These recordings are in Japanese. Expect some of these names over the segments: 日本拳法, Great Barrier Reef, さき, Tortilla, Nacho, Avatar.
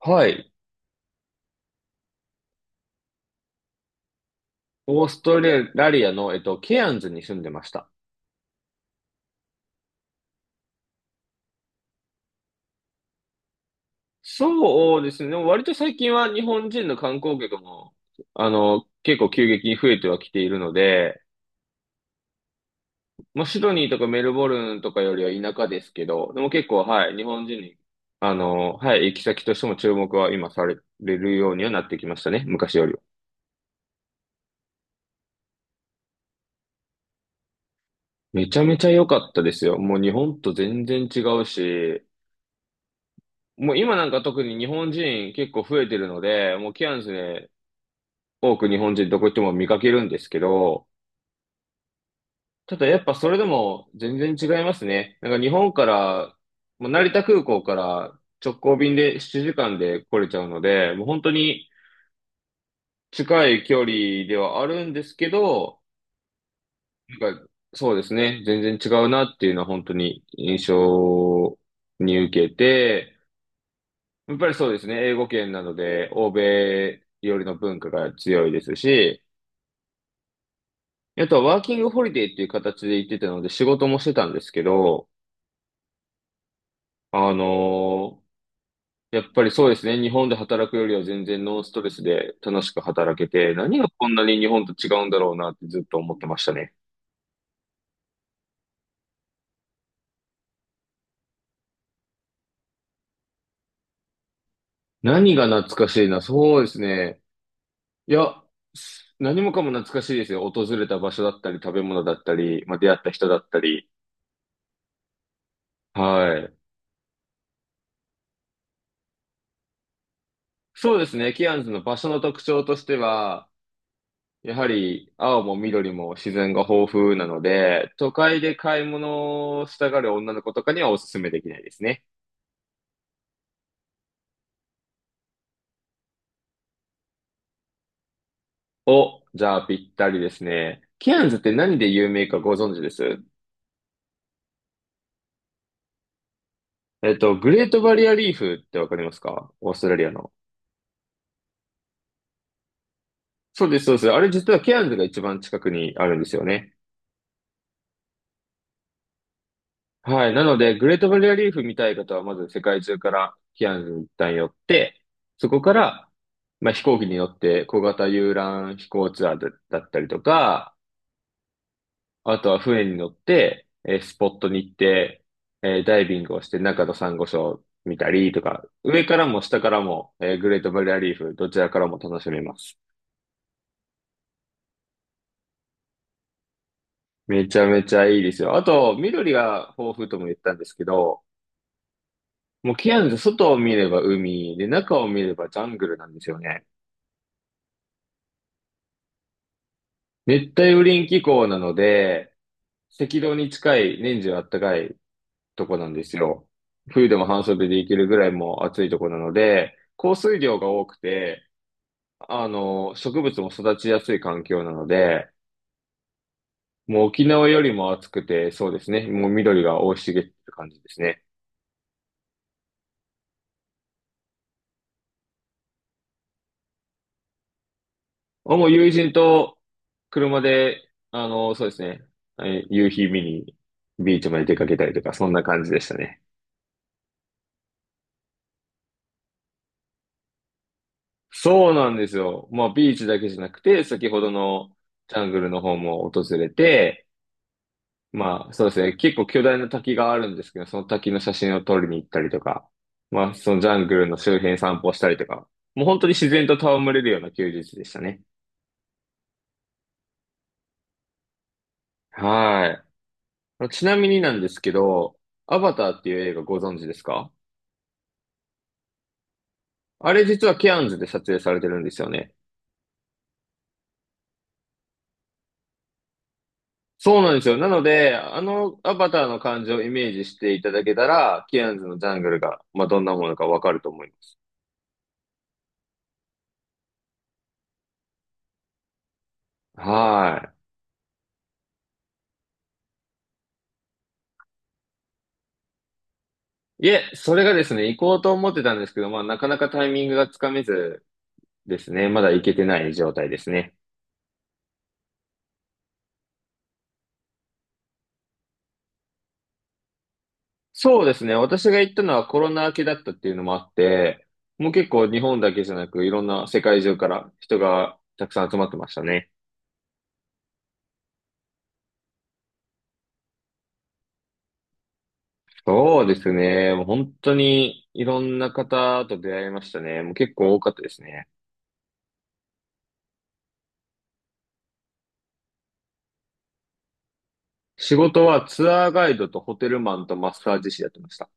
はい。オーストラリアの、ケアンズに住んでました。そうですね。でも割と最近は日本人の観光客も、結構急激に増えてはきているので、まあ、シドニーとかメルボルンとかよりは田舎ですけど、でも結構、はい、日本人に、はい、行き先としても注目は今されるようにはなってきましたね。昔よりは。めちゃめちゃ良かったですよ。もう日本と全然違うし、もう今なんか特に日本人結構増えてるので、もうケアンズで多く日本人どこ行っても見かけるんですけど、ただやっぱそれでも全然違いますね。なんか日本から、もう成田空港から直行便で7時間で来れちゃうので、もう本当に近い距離ではあるんですけど、なんかそうですね、全然違うなっていうのは本当に印象に受けて、やっぱりそうですね、英語圏なので欧米よりの文化が強いですし、あとはワーキングホリデーっていう形で行ってたので仕事もしてたんですけど、あのーやっぱりそうですね、日本で働くよりは全然ノンストレスで楽しく働けて、何がこんなに日本と違うんだろうなってずっと思ってましたね。何が懐かしいな、そうですね。いや、何もかも懐かしいですよ。訪れた場所だったり、食べ物だったり、まあ、出会った人だったり。はい。そうですね、キアンズの場所の特徴としては、やはり青も緑も自然が豊富なので、都会で買い物をしたがる女の子とかにはおすすめできないですね。お、じゃあぴったりですね。ケアンズって何で有名かご存知ですグレートバリアリーフってわかりますか、オーストラリアの。そうです、そうです。あれ実はケアンズが一番近くにあるんですよね。はい。なので、グレートバリアリーフ見たい方は、まず世界中からキアヌに一旦寄って、そこから、まあ、飛行機に乗って小型遊覧飛行ツアーだったりとか、あとは船に乗って、スポットに行って、ダイビングをして中のサンゴ礁見たりとか、上からも下からも、グレートバリアリーフ、どちらからも楽しめます。めちゃめちゃいいですよ。あと、緑が豊富とも言ったんですけど、もうキアヌズ外を見れば海で、中を見ればジャングルなんですよね。熱帯雨林気候なので、赤道に近い年中暖かいとこなんですよ。冬でも半袖でいけるぐらいもう暑いとこなので、降水量が多くて、植物も育ちやすい環境なので、もう沖縄よりも暑くて、そうですね。もう緑が生い茂ってる感じですね。あ、もう友人と車で、そうですね。夕日見にビーチまで出かけたりとか、そんな感じでしたね。そうなんですよ。まあ、ビーチだけじゃなくて、先ほどのジャングルの方も訪れて、まあ、そうですね。結構巨大な滝があるんですけど、その滝の写真を撮りに行ったりとか、まあ、そのジャングルの周辺散歩したりとか、もう本当に自然と戯れるような休日でしたね。はい。ちなみになんですけど、アバターっていう映画ご存知ですか？あれ実はケアンズで撮影されてるんですよね。そうなんですよ。なので、あのアバターの感じをイメージしていただけたら、キアンズのジャングルが、まあ、どんなものかわかると思います。はい。いえ、それがですね、行こうと思ってたんですけど、まあ、なかなかタイミングがつかめずですね、まだ行けてない状態ですね。そうですね、私が行ったのはコロナ明けだったっていうのもあって、もう結構日本だけじゃなく、いろんな世界中から人がたくさん集まってましたね。そうですね、もう本当にいろんな方と出会いましたね。もう結構多かったですね。仕事はツアーガイドとホテルマンとマッサージ師やってました。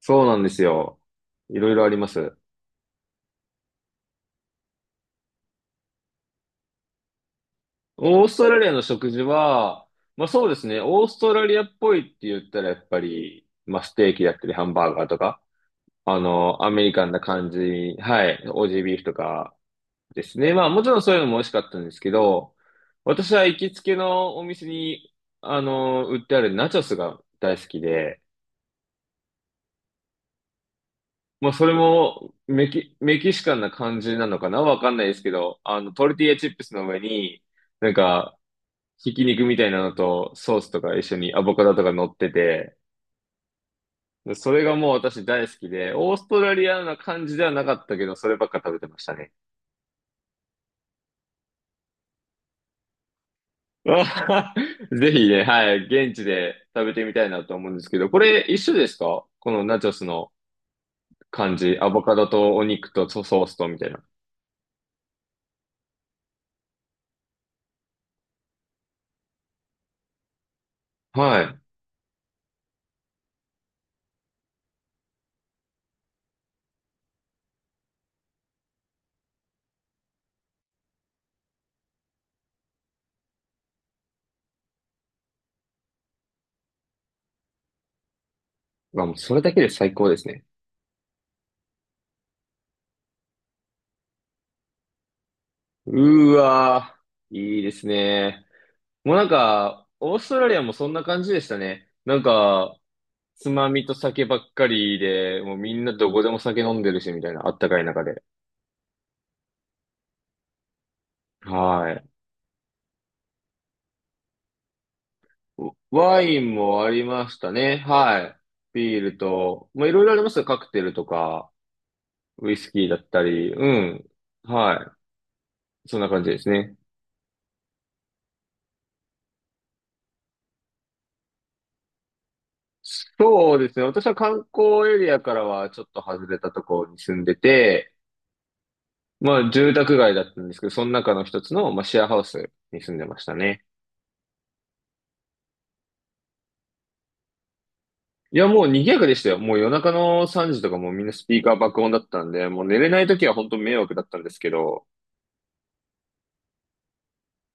そうなんですよ。いろいろあります。オーストラリアの食事は、まあそうですね、オーストラリアっぽいって言ったらやっぱり、まあステーキだったりハンバーガーとか、アメリカンな感じ、はい、オージービーフとかですね。まあもちろんそういうのも美味しかったんですけど、私は行きつけのお店に、売ってあるナチョスが大好きで、まあ、それもメキシカンな感じなのかな、わかんないですけど、トルティーヤチップスの上に、なんか、ひき肉みたいなのとソースとか一緒にアボカドとか乗ってて、それがもう私大好きで、オーストラリアな感じではなかったけど、そればっか食べてましたね。あ、ぜひね、はい、現地で食べてみたいなと思うんですけど、これ一緒ですか、このナチョスの感じ、アボカドとお肉とソースとみたいな。はい。まあ、もうそれだけで最高ですね。うーわー、いいですね。もうなんか、オーストラリアもそんな感じでしたね。なんか、つまみと酒ばっかりで、もうみんなどこでも酒飲んでるし、みたいな、あったかい中で。はい。ワインもありましたね。はい。ビールと、まあ、いろいろありますよ。カクテルとか、ウイスキーだったり、うん。はい。そんな感じですね。そうですね。私は観光エリアからはちょっと外れたところに住んでて、まあ、住宅街だったんですけど、その中の一つの、まあ、シェアハウスに住んでましたね。いや、もう賑やかでしたよ。もう夜中の3時とかもうみんなスピーカー爆音だったんで、もう寝れない時は本当迷惑だったんですけど、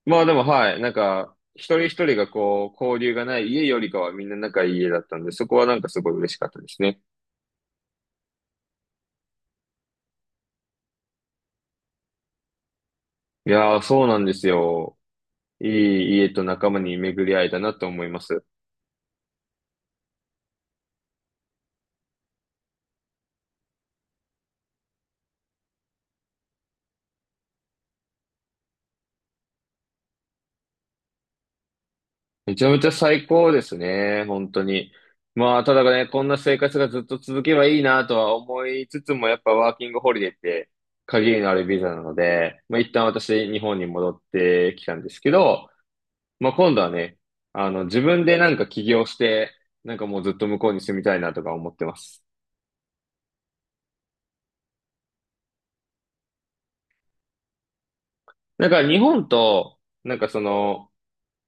まあでもはい、なんか、一人一人がこう、交流がない家よりかはみんな仲いい家だったんで、そこはなんかすごい嬉しかったですね。いやー、そうなんですよ。いい家と仲間に巡り合えたなと思います。めちゃめちゃ最高ですね、本当に。まあ、ただね、こんな生活がずっと続けばいいなとは思いつつも、やっぱワーキングホリデーって限りのあるビザなので、まあ一旦私、日本に戻ってきたんですけど、まあ今度はね、自分でなんか起業して、なんかもうずっと向こうに住みたいなとか思ってます。なんか日本と、なんかその、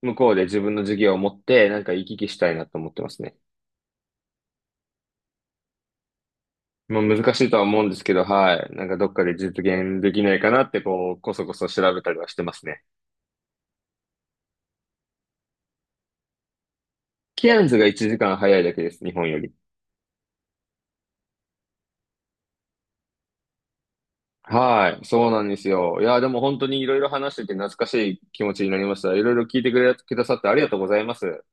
向こうで自分の事業を持って、なんか行き来したいなと思ってますね。まあ、難しいとは思うんですけど、はい。なんかどっかで実現できないかなって、こう、こそこそ調べたりはしてますね。キアンズが1時間早いだけです、日本より。はい。そうなんですよ。いや、でも本当にいろいろ話してて懐かしい気持ちになりました。いろいろ聞いてくれ、くださってありがとうございます。